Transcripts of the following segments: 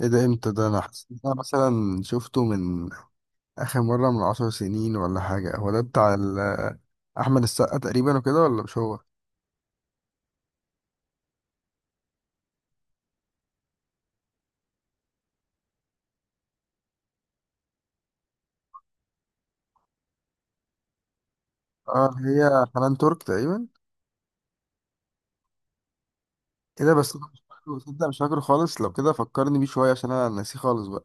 ايه ده، امتى ده؟ انا حاسس إن انا مثلا شفته من اخر مرة من 10 سنين ولا حاجة. هو ده بتاع احمد السقا تقريبا وكده، ولا مش هو؟ اه، اللي هي حنان ترك تقريبا. ايه ده؟ بس أنا مش فاكره، تصدق مش فاكره خالص. لو كده فكرني بيه شوية عشان انا ناسيه خالص بقى.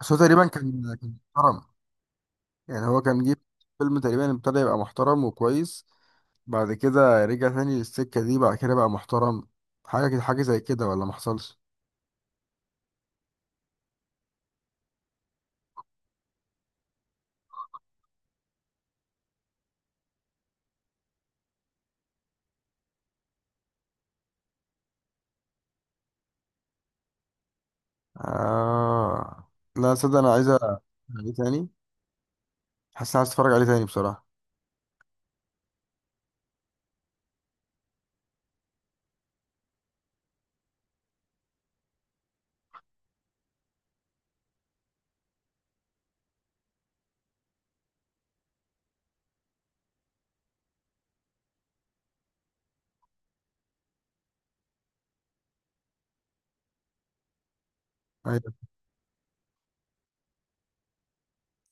بس هو تقريبا كان محترم، يعني هو كان جه فيلم تقريبا ابتدى يبقى محترم وكويس، بعد كده رجع تاني للسكة دي، بعد كده بقى محترم حاجة كده، حاجة زي كده، ولا محصلش؟ آه. لا صدق، انا عايز ايه تاني، حاسس اني عايز اتفرج عليه تاني بصراحة. ايوه،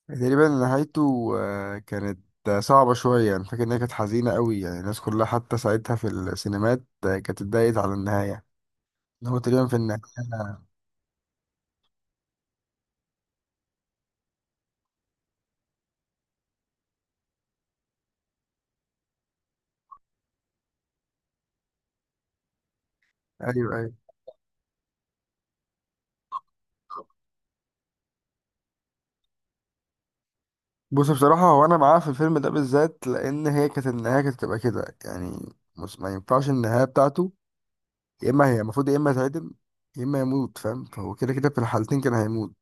تقريبا نهايته كانت صعبة شوية، يعني فاكر انها كانت حزينة قوي. يعني الناس كلها حتى ساعتها في السينمات كانت اتضايقت على النهاية، ان هو تقريبا في النهاية. ايوه ايوه، بص بصراحة هو انا معاه في الفيلم ده بالذات، لان هي كانت النهاية كانت تبقى كده يعني، مش ما ينفعش النهاية بتاعته. يا اما هي المفروض يا اما يتعدم، يا اما يموت، فاهم؟ فهو كده كده في الحالتين كان هيموت.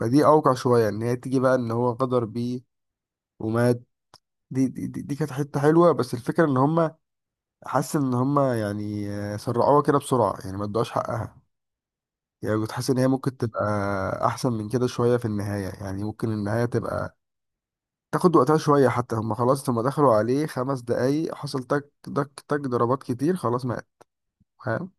فدي اوقع شوية، ان هي تيجي بقى ان هو غدر بيه ومات. دي كانت حته حلوه، بس الفكره ان هم، حاسس ان هم يعني سرعوها كده بسرعه، يعني ما ادوهاش حقها. يعني كنت حاسس ان هي ممكن تبقى احسن من كده شويه في النهايه، يعني ممكن النهايه تبقى تاخد وقتها شويه. حتى هم خلاص لما دخلوا عليه 5 دقايق حصل تك تك تك، ضربات كتير خلاص مات، فاهم؟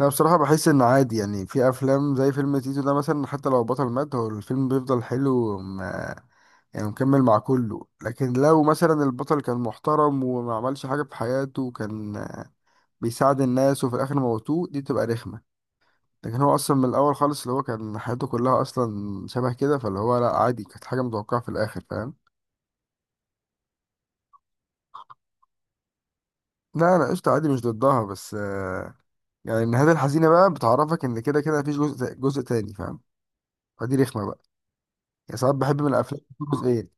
انا بصراحه بحس ان عادي. يعني في افلام زي فيلم تيتو ده مثلا، حتى لو البطل مات هو الفيلم بيفضل حلو، يعني مكمل مع كله. لكن لو مثلا البطل كان محترم وما عملش حاجة في حياته، وكان بيساعد الناس، وفي الآخر موتوه، دي تبقى رخمة. لكن هو أصلا من الأول خالص اللي هو كان حياته كلها أصلا شبه كده، فاللي هو لأ عادي، كانت حاجة متوقعة في الآخر، فاهم؟ لا، أنا قشطة عادي، مش ضدها، بس يعني النهاية الحزينة بقى بتعرفك إن كده كده مفيش جزء تاني، فاهم؟ فدي رخمة بقى. يعني ساعات بحب من الأفلام يكون جزئين.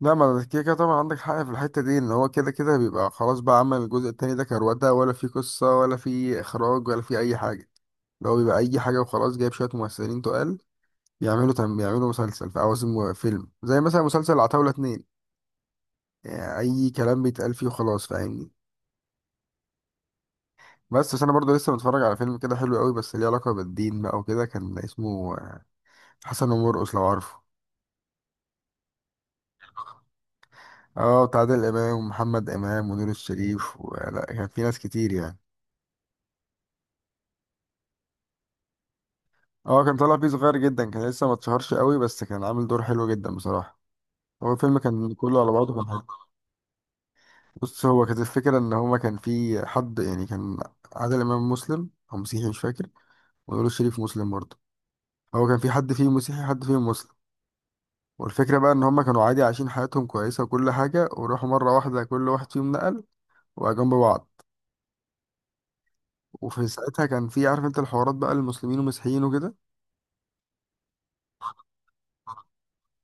لا، ما أنا كده كده طبعا عندك حق في الحتة دي، ان هو كده كده بيبقى خلاص. بقى عمل الجزء التاني ده كروتة، ولا في قصة ولا في اخراج ولا في اي حاجة، اللي هو بيبقى اي حاجة وخلاص. جايب شوية ممثلين تقال، بيعملوا تم، بيعملوا مسلسل في عوازم فيلم، زي مثلا مسلسل عتاولة اتنين، يعني اي كلام بيتقال فيه وخلاص، فاهمني؟ بس بس انا برضو لسه متفرج على فيلم كده حلو قوي، بس ليه علاقة بالدين بقى وكده، كان اسمه حسن ومرقص، لو عارفه. اه، بتاع عادل امام ومحمد امام ونور الشريف، ولا كان في ناس كتير يعني. اه، كان طالع فيه صغير جدا، كان لسه ما اتشهرش قوي، بس كان عامل دور حلو جدا بصراحة. هو الفيلم كان كله على بعضه كان حلو. بص، هو كانت الفكرة ان هما، كان في حد يعني، كان عادل امام مسلم او مسيحي مش فاكر، ونقول الشريف مسلم برضه. هو كان في حد فيهم مسيحي، حد فيهم مسلم. والفكرة بقى ان هما كانوا عادي عايشين حياتهم كويسة وكل حاجة، وراحوا مرة واحدة كل واحد فيهم نقل، وبقى جنب بعض. وفي ساعتها كان في، عارف انت الحوارات بقى المسلمين والمسيحيين وكده.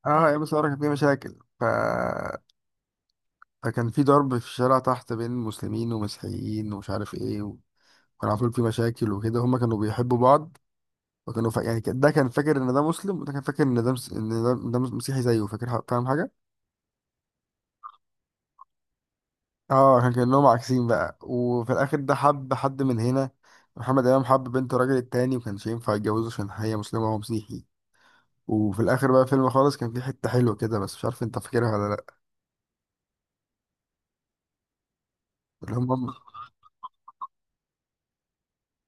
اه، يا مسيحيين كان في مشاكل، فكان في ضرب في الشارع تحت بين مسلمين ومسيحيين، ومش عارف ايه، وكان على طول في مشاكل وكده. هما كانوا بيحبوا بعض، وكانوا يعني ده كان فاكر ان ده مسلم، وده كان فاكر ان ده ان مسيحي زيه، فاكر فاهم حاجه؟ اه، كان كانهم عاكسين بقى. وفي الاخر ده حب حد من هنا، محمد امام حب بنت الراجل التاني وكانش ينفع يتجوزه عشان هي مسلمه وهو مسيحي. وفي الاخر بقى فيلم خالص كان فيه حته حلوه كده، بس مش عارف انت فاكرها ولا لا، اللي هم.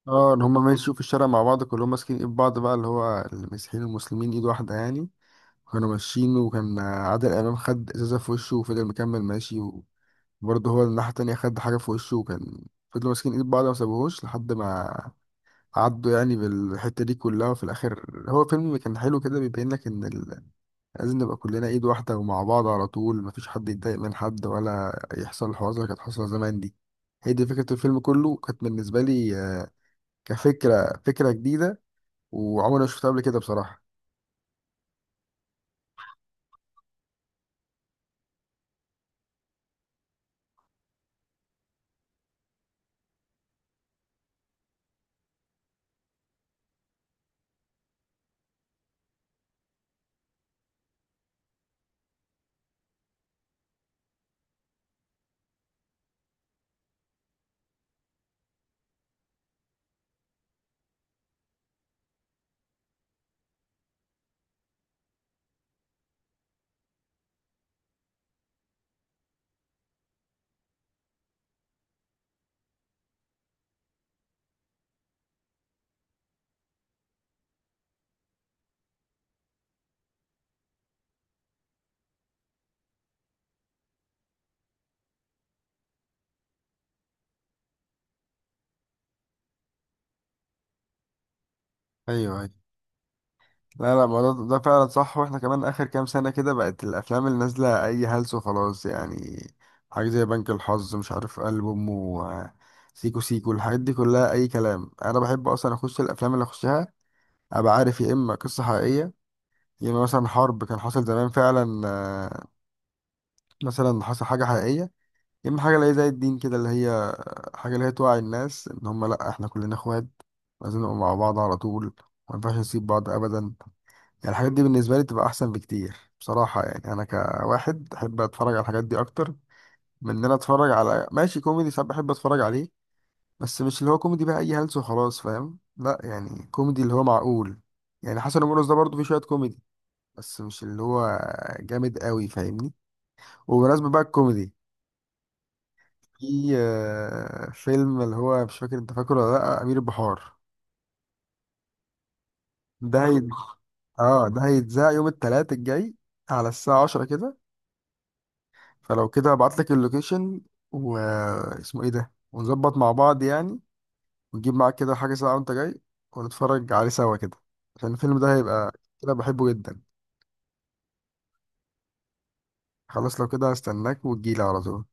اه، ان هم ماشيوا في الشارع مع بعض كلهم ماسكين ايد بعض بقى، اللي هو المسيحيين والمسلمين ايد واحده يعني. كانوا ماشيين، وكان عادل امام خد ازازه في وشه وفضل مكمل ماشي، وبرضه هو الناحيه التانية خد حاجه في وشه، وكان فضلوا ماسكين ايد بعض، ما سابوهوش لحد ما عدوا يعني بالحته دي كلها. وفي الاخر هو فيلم كان حلو كده، بيبين لك لازم نبقى كلنا ايد واحده ومع بعض على طول، مفيش حد يتضايق من حد، ولا يحصل الحوارات اللي كانت حاصله زمان دي. هي دي فكره الفيلم كله كانت بالنسبه لي، كفكره فكره جديده، وعمري ما شفتها قبل كده بصراحه. ايوه ايوه. لا لا، ما ده فعلا صح. واحنا كمان اخر كام سنة كده بقت الافلام اللي نازلة اي هلس وخلاص، يعني حاجة زي بنك الحظ، مش عارف قلب امه، سيكو سيكو، الحاجات دي كلها اي كلام. انا بحب اصلا اخش الافلام اللي اخشها ابقى عارف، يا اما قصة حقيقية، يا اما مثلا حرب كان حصل زمان فعلا، مثلا حصل حاجة حقيقية، يا اما حاجة اللي هي زي الدين كده، اللي هي حاجة اللي هي توعي الناس ان هم لا، احنا كلنا اخوات، لازم نبقى مع بعض على طول، ما ينفعش نسيب بعض ابدا. يعني الحاجات دي بالنسبة لي بتبقى أحسن بكتير بصراحة. يعني أنا كواحد أحب أتفرج على الحاجات دي أكتر من إن أنا أتفرج على ماشي. كوميدي ساعات بحب أتفرج عليه، بس مش اللي هو كوميدي بقى أي هلس وخلاص، فاهم؟ لا، يعني كوميدي اللي هو معقول. يعني حسن ومرقص ده برضه فيه شوية كوميدي، بس مش اللي هو جامد قوي، فاهمني؟ وبمناسبة بقى الكوميدي، في فيلم، اللي هو مش فاكر أنت فاكره ولا لأ، أمير البحار. ده هيت... آه، ده هيتذاع يوم التلات الجاي على الساعة 10 كده. فلو كده ابعت لك اللوكيشن واسمه ايه ده، ونظبط مع بعض يعني، ونجيب معاك كده حاجة ساعة وانت جاي، ونتفرج عليه سوا كده، عشان الفيلم ده هيبقى كده بحبه جدا. خلاص، لو كده هستناك وتجيلي على طول.